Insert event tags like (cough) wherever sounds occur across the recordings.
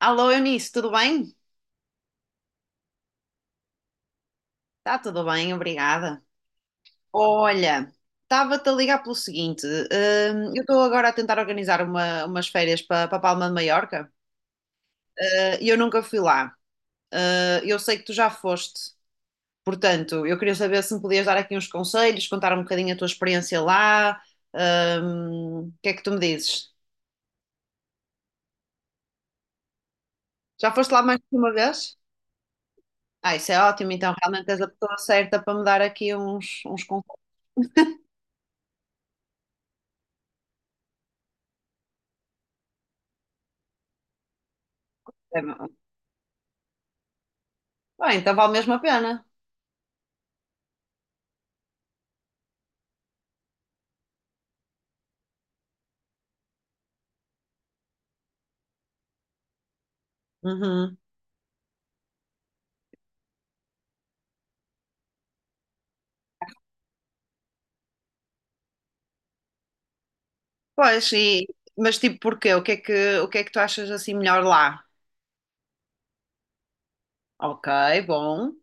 Alô, Eunice, tudo bem? Está tudo bem, obrigada. Olha, estava-te a ligar pelo seguinte: eu estou agora a tentar organizar umas férias para Palma de Maiorca e eu nunca fui lá. Eu sei que tu já foste, portanto, eu queria saber se me podias dar aqui uns conselhos, contar um bocadinho a tua experiência lá. O que é que tu me dizes? Já foste lá mais que uma vez? Ah, isso é ótimo, então realmente és a pessoa certa para me dar aqui uns conselhos. Bem, então vale mesmo a pena. Uhum. Pois, e, mas tipo, porquê? O que é que tu achas assim melhor lá? Ok, bom.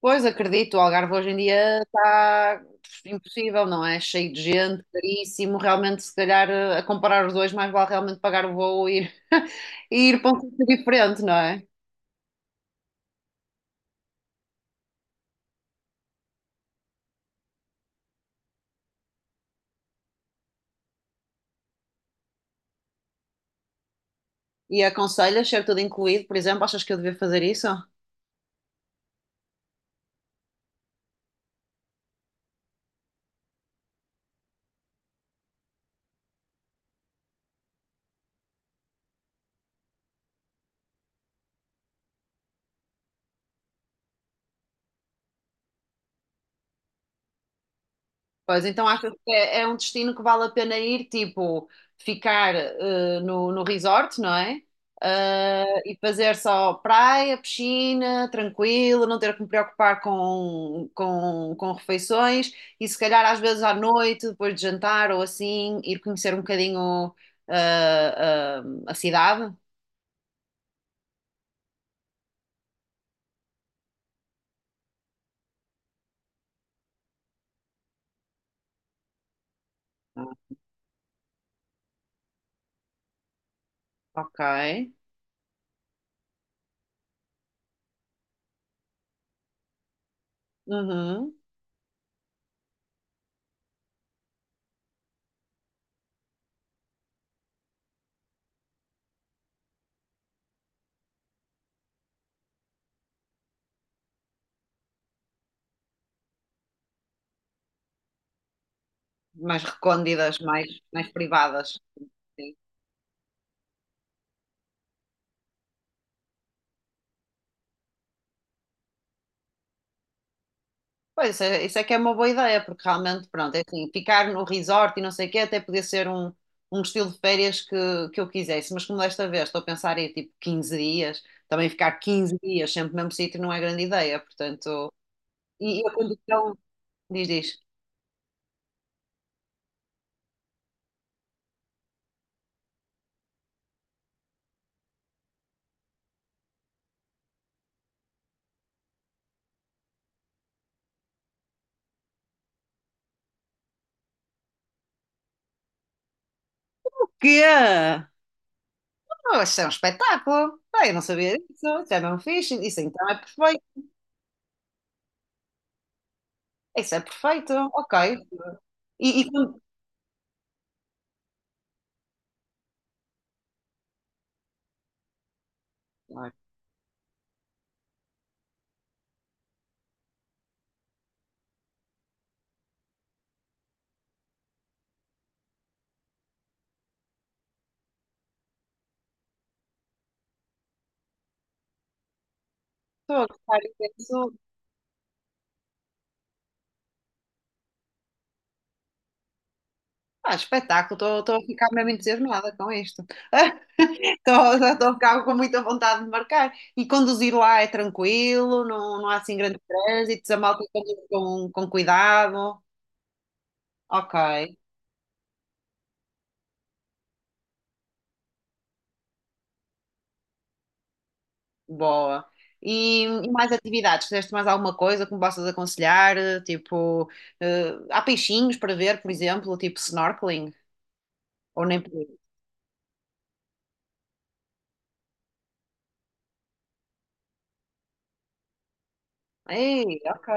Pois, acredito, o Algarve hoje em dia está impossível, não é? Cheio de gente, caríssimo. Realmente, se calhar, a comparar os dois, mais vale realmente pagar o voo e ir, (laughs) e ir para um sítio diferente, não é? E aconselhas ser tudo incluído, por exemplo, achas que eu devia fazer isso? Pois, então achas que é um destino que vale a pena ir, tipo, ficar no resort, não é? Ah, e fazer só praia, piscina, tranquilo, não ter que me preocupar com refeições e se calhar às vezes à noite, depois de jantar ou assim, ir conhecer um bocadinho ah, a cidade. Ah, ok. Uhum. Mais recônditas, mais privadas. Sim. Pois, isso é que é uma boa ideia, porque realmente, pronto, é assim, ficar no resort e não sei o quê, até podia ser um estilo de férias que eu quisesse, mas como desta vez estou a pensar em tipo 15 dias, também ficar 15 dias sempre no mesmo sítio não é grande ideia, portanto, e a condição, diz. Que oh, isso é um espetáculo, eu não sabia disso, isso é mesmo fixe, isso então é perfeito, isso é perfeito, ok. e, e quando- Ai, estou a gostar disso. Ah, espetáculo, estou a ficar mesmo entusiasmada com isto. Já estou a ficar com muita vontade de marcar. E conduzir lá é tranquilo, não há assim grandes trânsitos, a malta conduz com cuidado. Ok, boa. E mais atividades? Fizeste mais alguma coisa que me possas aconselhar? Tipo, há peixinhos para ver, por exemplo, tipo snorkeling? Ou nem por isso? Ei, ok.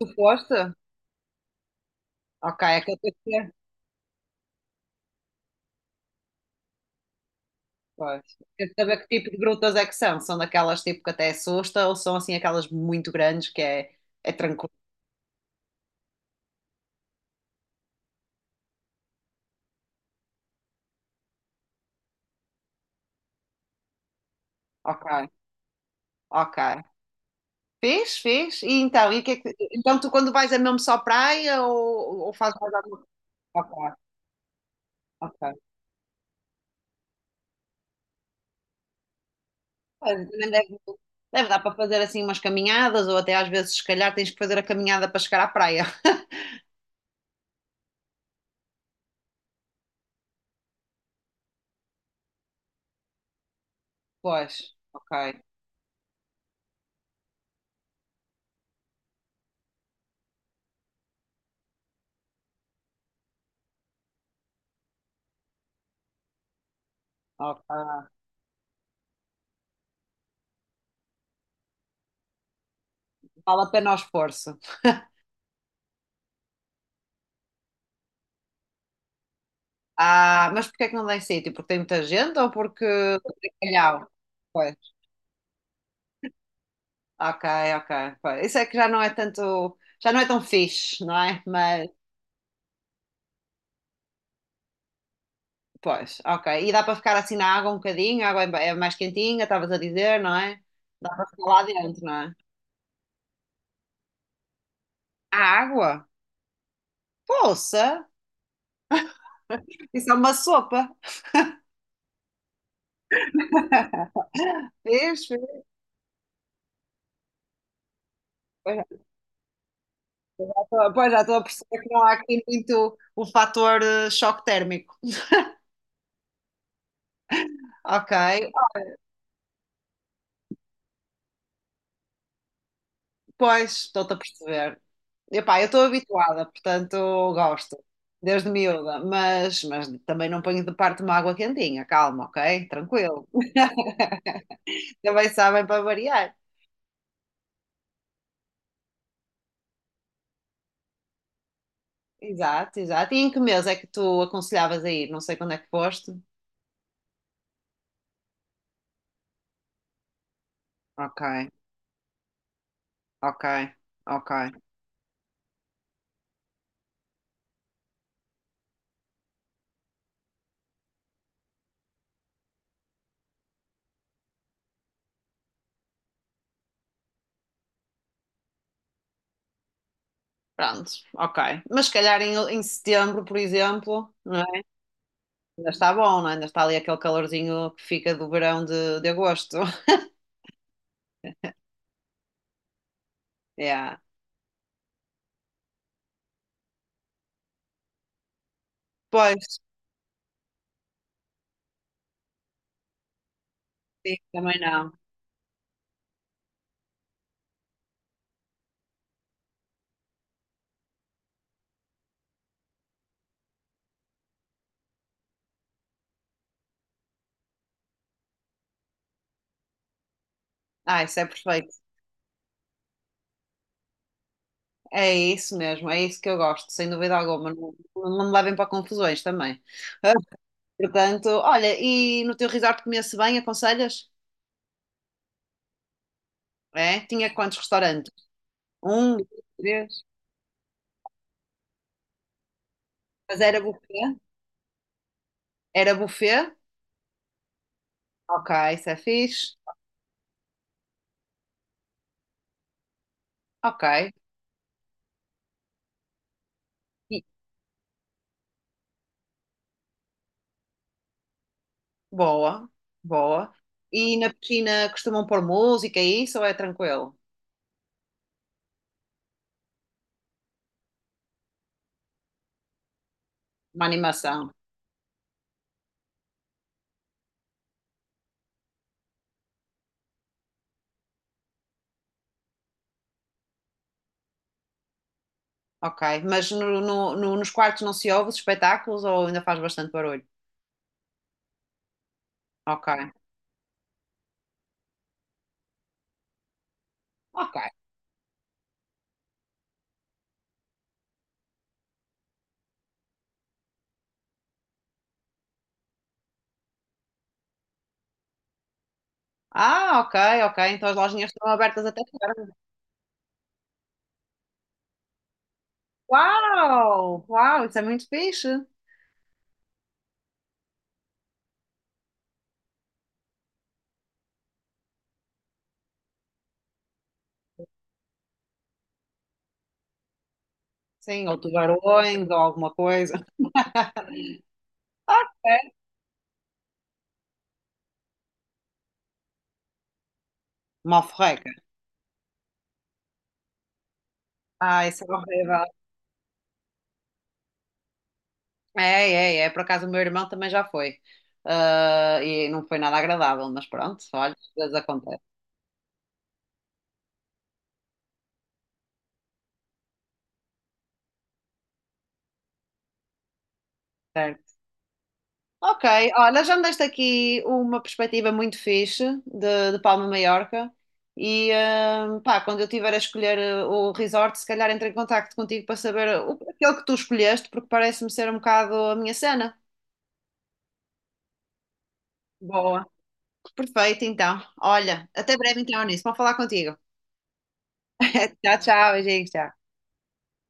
Tu foste? Ok, é que eu tenho que ter. Pois. Quero saber que tipo de grutas é que são. São daquelas tipo que até assusta ou são assim aquelas muito grandes que é tranquilo? Ok, ok. Fez, fez. E então, e o que é que- então tu quando vais é mesmo só praia ou fazes mais alguma coisa? Ok, ok. Pois, também deve dar para fazer assim umas caminhadas ou até às vezes se calhar tens que fazer a caminhada para chegar à praia. (laughs) Pois, ok, ok. Vale a pena o esforço. Ah, mas porquê é que não dá em sítio? Porque tem muita gente ou porque é calhau? Pois, ok, ok. Pois. Isso é que já não é tanto, já não é tão fixe, não é? Mas pois, ok. E dá para ficar assim na água um bocadinho, a água é mais quentinha, estavas a dizer, não é? Dá para ficar lá dentro, não é? A água? Poça! Isso é uma sopa. Vês? Vês? Pois já pois já estou a perceber que não há aqui muito o fator choque térmico. Ok, pois, estou-te a perceber. Epá, eu estou habituada, portanto gosto, desde miúda, mas também não ponho de parte uma água quentinha, calma, ok? Tranquilo. (laughs) Também sabem para variar. Exato, exato. E em que mês é que tu aconselhavas a ir? Não sei quando é que foste. Ok, ok, ok. Pronto, ok. Mas se calhar em setembro, por exemplo, não é? Ainda está bom, não é? Ainda está ali aquele calorzinho que fica do verão de agosto. (laughs) Yeah. Pois, sim, também não. Ah, isso é perfeito. É isso mesmo, é isso que eu gosto, sem dúvida alguma. Não, não me levem para confusões também. (laughs) Portanto, olha, e no teu resort comia-se bem, aconselhas? É? Tinha quantos restaurantes? Um, dois, três. Mas era buffet? Era buffet? Ok, isso é fixe. Ok. E- boa, boa. E na piscina costumam pôr música e isso ou é tranquilo? Uma animação. Ok. Mas nos quartos não se ouve os espetáculos ou ainda faz bastante barulho? Ok. Ok. Ah, ok, ok. Então as lojinhas estão abertas até tarde. Uau! Uau, isso é muito fixe. Sim, ou tubarões ou alguma coisa. (laughs) Ok. Malforreca. Ah, isso é horrível. É, é, é. Por acaso o meu irmão também já foi. Ah, e não foi nada agradável, mas pronto, olha, às vezes acontece. Certo. Ok, olha, já me deste aqui uma perspectiva muito fixe de Palma de Maiorca. E pá, quando eu tiver a escolher o resort, se calhar entro em contacto contigo para saber aquele que tu escolheste, porque parece-me ser um bocado a minha cena. Boa. Perfeito, então. Olha, até breve então nisso. Vou falar contigo. (laughs) Tchau, tchau, beijinhos, tchau.